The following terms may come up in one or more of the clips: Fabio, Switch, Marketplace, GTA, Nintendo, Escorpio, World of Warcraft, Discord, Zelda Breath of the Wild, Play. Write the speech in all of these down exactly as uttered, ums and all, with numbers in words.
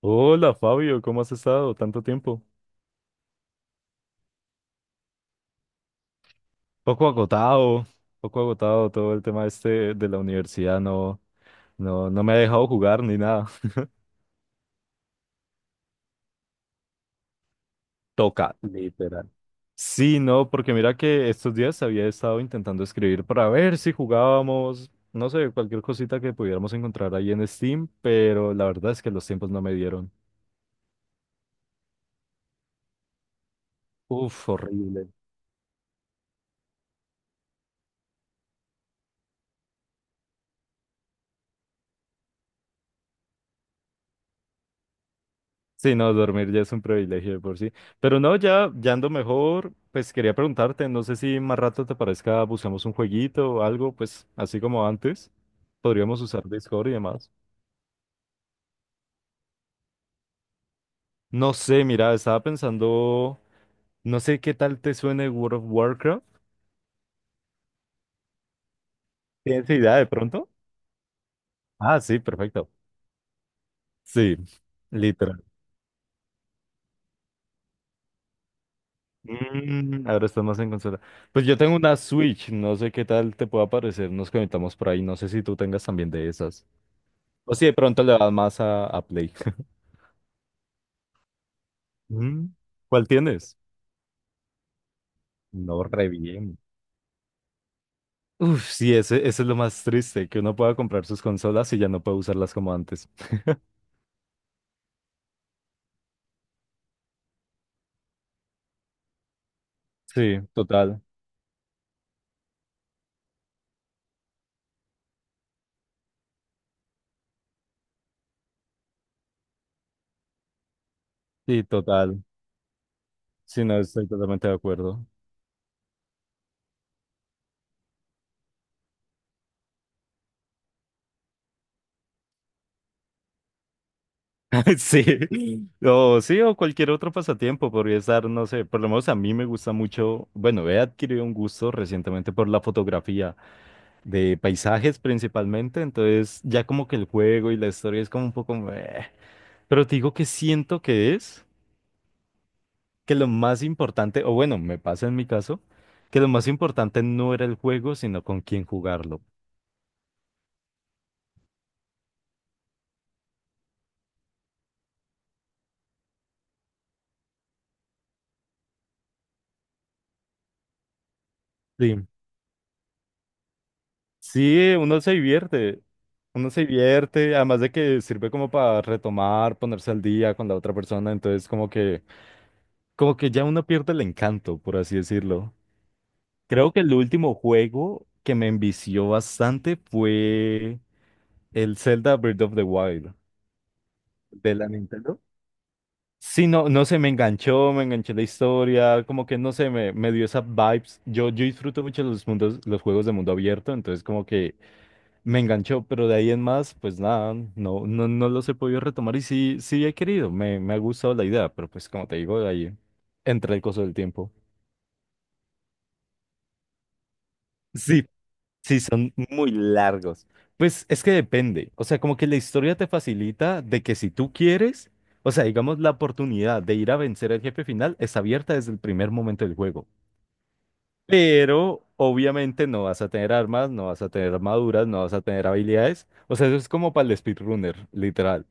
Hola Fabio, ¿cómo has estado? Tanto tiempo. Poco agotado, poco agotado todo el tema este de la universidad, no, no, no me ha dejado jugar ni nada. Toca, literal. Sí, no, porque mira que estos días había estado intentando escribir para ver si jugábamos, no sé, cualquier cosita que pudiéramos encontrar ahí en Steam, pero la verdad es que los tiempos no me dieron. Uf, horrible. Sí, no, dormir ya es un privilegio de por sí. Pero no, ya, ya ando mejor. Pues quería preguntarte, no sé si más rato te parezca, buscamos un jueguito o algo, pues así como antes. Podríamos usar Discord y demás. No sé, mira, estaba pensando, no sé qué tal te suene World of Warcraft. ¿Tienes idea de pronto? Ah, sí, perfecto. Sí, literal. Mm, ahora estamos en consola. Pues yo tengo una Switch, no sé qué tal te pueda parecer. Nos conectamos por ahí, no sé si tú tengas también de esas. O si de pronto le vas más a, a, Play. Mm, ¿Cuál tienes? No, re bien. Uf, sí, ese, ese es lo más triste, que uno pueda comprar sus consolas y ya no puede usarlas como antes. Sí, total. Sí, total. Sí, no, estoy totalmente de acuerdo. Sí. O sí, o cualquier otro pasatiempo podría estar, no sé, por lo menos a mí me gusta mucho, bueno, he adquirido un gusto recientemente por la fotografía de paisajes principalmente, entonces ya como que el juego y la historia es como un poco meh. Pero te digo que siento que es que lo más importante, o bueno, me pasa en mi caso, que lo más importante no era el juego, sino con quién jugarlo. Sí. Sí, uno se divierte, uno se divierte, además de que sirve como para retomar, ponerse al día con la otra persona, entonces como que, como que ya uno pierde el encanto, por así decirlo. Creo que el último juego que me envició bastante fue el Zelda Breath of the Wild de la Nintendo. Sí, no, no sé, me enganchó, me enganché la historia, como que no sé, me, me dio esas vibes. Yo, yo disfruto mucho los mundos, los juegos de mundo abierto, entonces como que me enganchó, pero de ahí en más, pues nada, no, no, no los he podido retomar y sí, sí he querido, me, me ha gustado la idea, pero pues como te digo, de ahí entra el coso del tiempo. Sí, sí, son muy largos. Pues es que depende, o sea, como que la historia te facilita de que si tú quieres, o sea, digamos, la oportunidad de ir a vencer al jefe final es abierta desde el primer momento del juego. Pero obviamente no vas a tener armas, no vas a tener armaduras, no vas a tener habilidades. O sea, eso es como para el speedrunner, literal.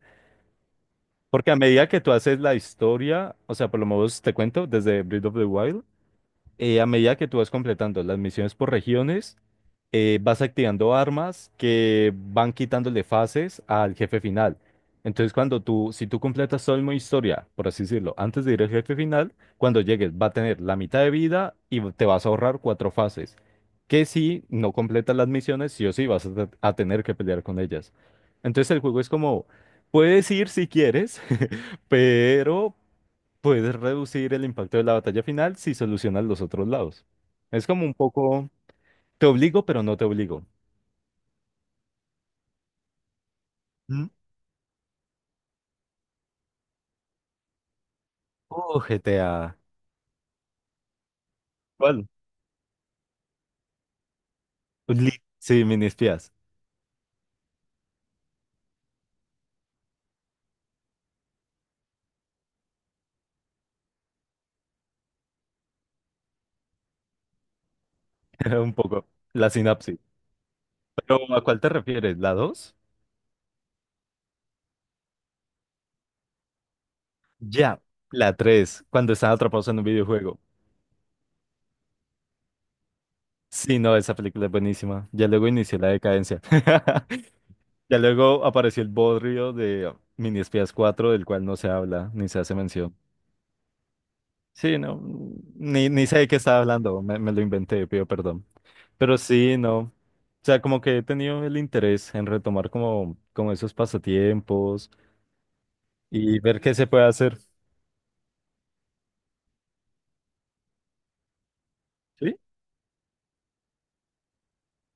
Porque a medida que tú haces la historia, o sea, por lo menos te cuento, desde Breath of the Wild, eh, a medida que tú vas completando las misiones por regiones, eh, vas activando armas que van quitándole fases al jefe final. Entonces, cuando tú, si tú completas todo el modo historia, por así decirlo, antes de ir al jefe final, cuando llegues va a tener la mitad de vida y te vas a ahorrar cuatro fases. Que si no completas las misiones, sí o sí vas a, te- a tener que pelear con ellas. Entonces, el juego es como, puedes ir si quieres, pero puedes reducir el impacto de la batalla final si solucionas los otros lados. Es como un poco, te obligo, pero no te obligo. ¿Mm? Oh, G T A. ¿Cuál? Li- Sí, mini espías. Un poco. La sinapsis. Pero ¿a cuál te refieres? ¿La dos? Ya. La tres cuando están atrapados en un videojuego. Sí, no, esa película es buenísima. Ya luego inició la decadencia. Ya luego apareció el bodrio de mini espías cuatro, del cual no se habla ni se hace mención. Sí, no, ni, ni sé de qué estaba hablando, me, me lo inventé, pido perdón. Pero sí, no, o sea, como que he tenido el interés en retomar como, como, esos pasatiempos y ver qué se puede hacer. ¿Sí?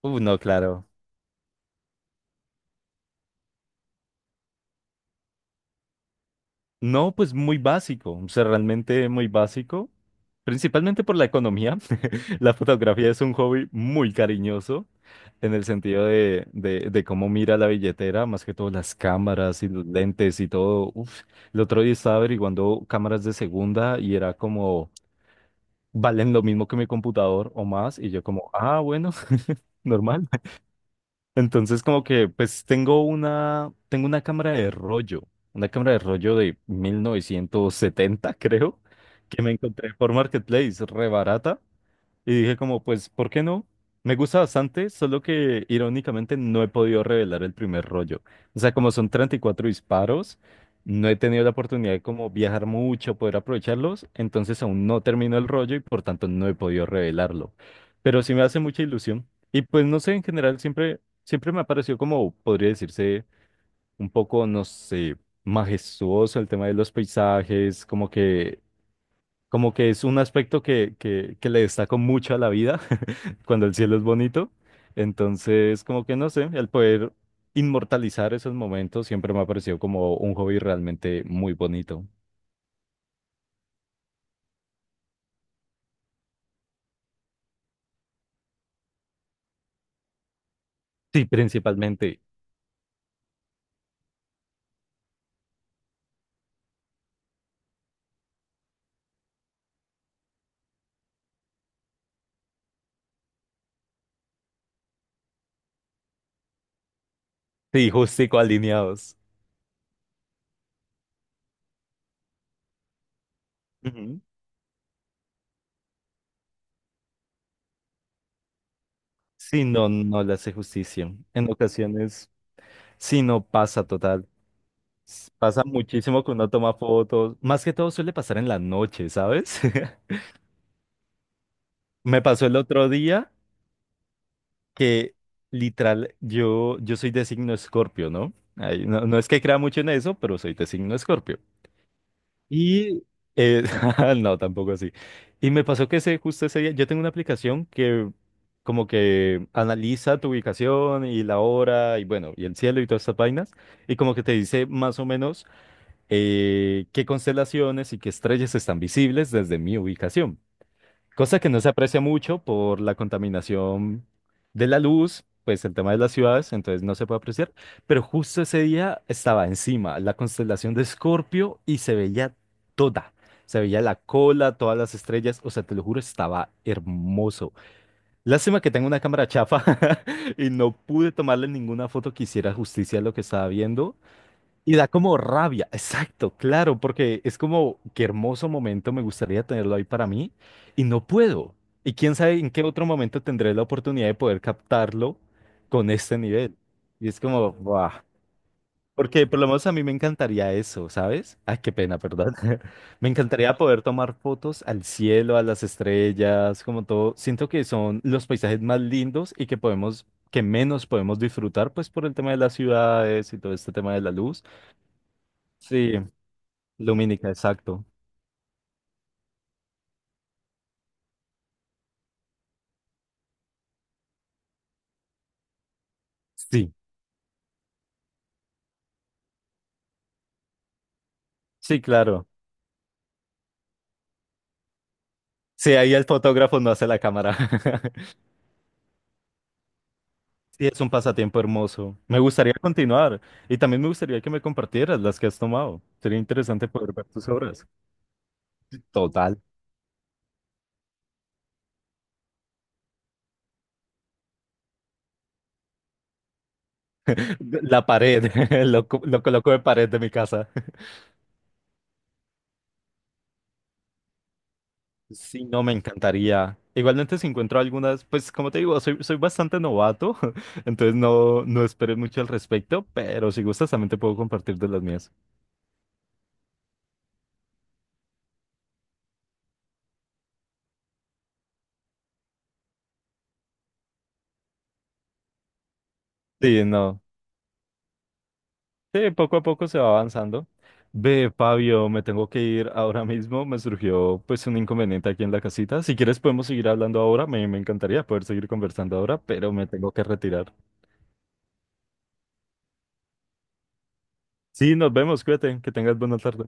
Uh, no, claro. No, pues muy básico, o sea, realmente muy básico, principalmente por la economía. La fotografía es un hobby muy cariñoso en el sentido de, de, de cómo mira la billetera, más que todo las cámaras y los lentes y todo. Uf, el otro día estaba averiguando cámaras de segunda y era como, valen lo mismo que mi computador o más, y yo como, ah, bueno, normal. Entonces, como que, pues tengo una, tengo una cámara de rollo, una cámara de rollo de mil novecientos setenta, creo, que me encontré por Marketplace, re barata. Y dije como, pues, ¿por qué no? Me gusta bastante, solo que irónicamente no he podido revelar el primer rollo. O sea, como son treinta y cuatro disparos, no he tenido la oportunidad de como viajar mucho, poder aprovecharlos, entonces aún no termino el rollo y por tanto no he podido revelarlo. Pero sí me hace mucha ilusión. Y pues no sé, en general siempre, siempre me ha parecido como, podría decirse, un poco, no sé, majestuoso el tema de los paisajes, como que, como que es un aspecto que, que, que le destaco mucho a la vida cuando el cielo es bonito. Entonces, como que no sé, el poder inmortalizar esos momentos siempre me ha parecido como un hobby realmente muy bonito. Sí, principalmente. Sí, justico alineados. Ujú. Sí, no, no le hace justicia. En ocasiones, sí, no pasa total. S- Pasa muchísimo que uno toma fotos. Más que todo suele pasar en la noche, ¿sabes? Me pasó el otro día que literal, yo, yo soy de signo Escorpio, ¿no? Ay, no, no es que crea mucho en eso, pero soy de signo Escorpio. Y eh, no, tampoco así. Y me pasó que ese, justo ese día, yo tengo una aplicación que como que analiza tu ubicación y la hora y bueno, y el cielo y todas estas vainas, y como que te dice más o menos eh, qué constelaciones y qué estrellas están visibles desde mi ubicación. Cosa que no se aprecia mucho por la contaminación de la luz, pues el tema de las ciudades, entonces no se puede apreciar. Pero justo ese día estaba encima la constelación de Escorpio y se veía toda. Se veía la cola, todas las estrellas, o sea, te lo juro, estaba hermoso. Lástima que tengo una cámara chafa y no pude tomarle ninguna foto que hiciera justicia a lo que estaba viendo, y da como rabia, exacto, claro, porque es como, qué hermoso momento, me gustaría tenerlo ahí para mí, y no puedo. Y quién sabe en qué otro momento tendré la oportunidad de poder captarlo con este nivel. Y es como, ¡buah! Porque por lo menos a mí me encantaría eso, ¿sabes? Ay, qué pena, perdón. Me encantaría poder tomar fotos al cielo, a las estrellas, como todo. Siento que son los paisajes más lindos y que podemos, que menos podemos disfrutar, pues por el tema de las ciudades y todo este tema de la luz. Sí, lumínica, exacto. Sí, sí, claro. Sí, ahí el fotógrafo no hace la cámara. Sí, es un pasatiempo hermoso. Me gustaría continuar y también me gustaría que me compartieras las que has tomado. Sería interesante poder ver tus obras. Total. La pared, lo, co- lo coloco de pared de mi casa. Sí, no, me encantaría. Igualmente si encuentro algunas, pues como te digo, soy, soy bastante novato, entonces no, no esperes mucho al respecto, pero si gustas también te puedo compartir de las mías. Sí, no. Sí, poco a poco se va avanzando. Ve, Fabio, me tengo que ir ahora mismo. Me surgió pues un inconveniente aquí en la casita. Si quieres podemos seguir hablando ahora. Me, me encantaría poder seguir conversando ahora, pero me tengo que retirar. Sí, nos vemos. Cuídate. Que tengas buena tarde.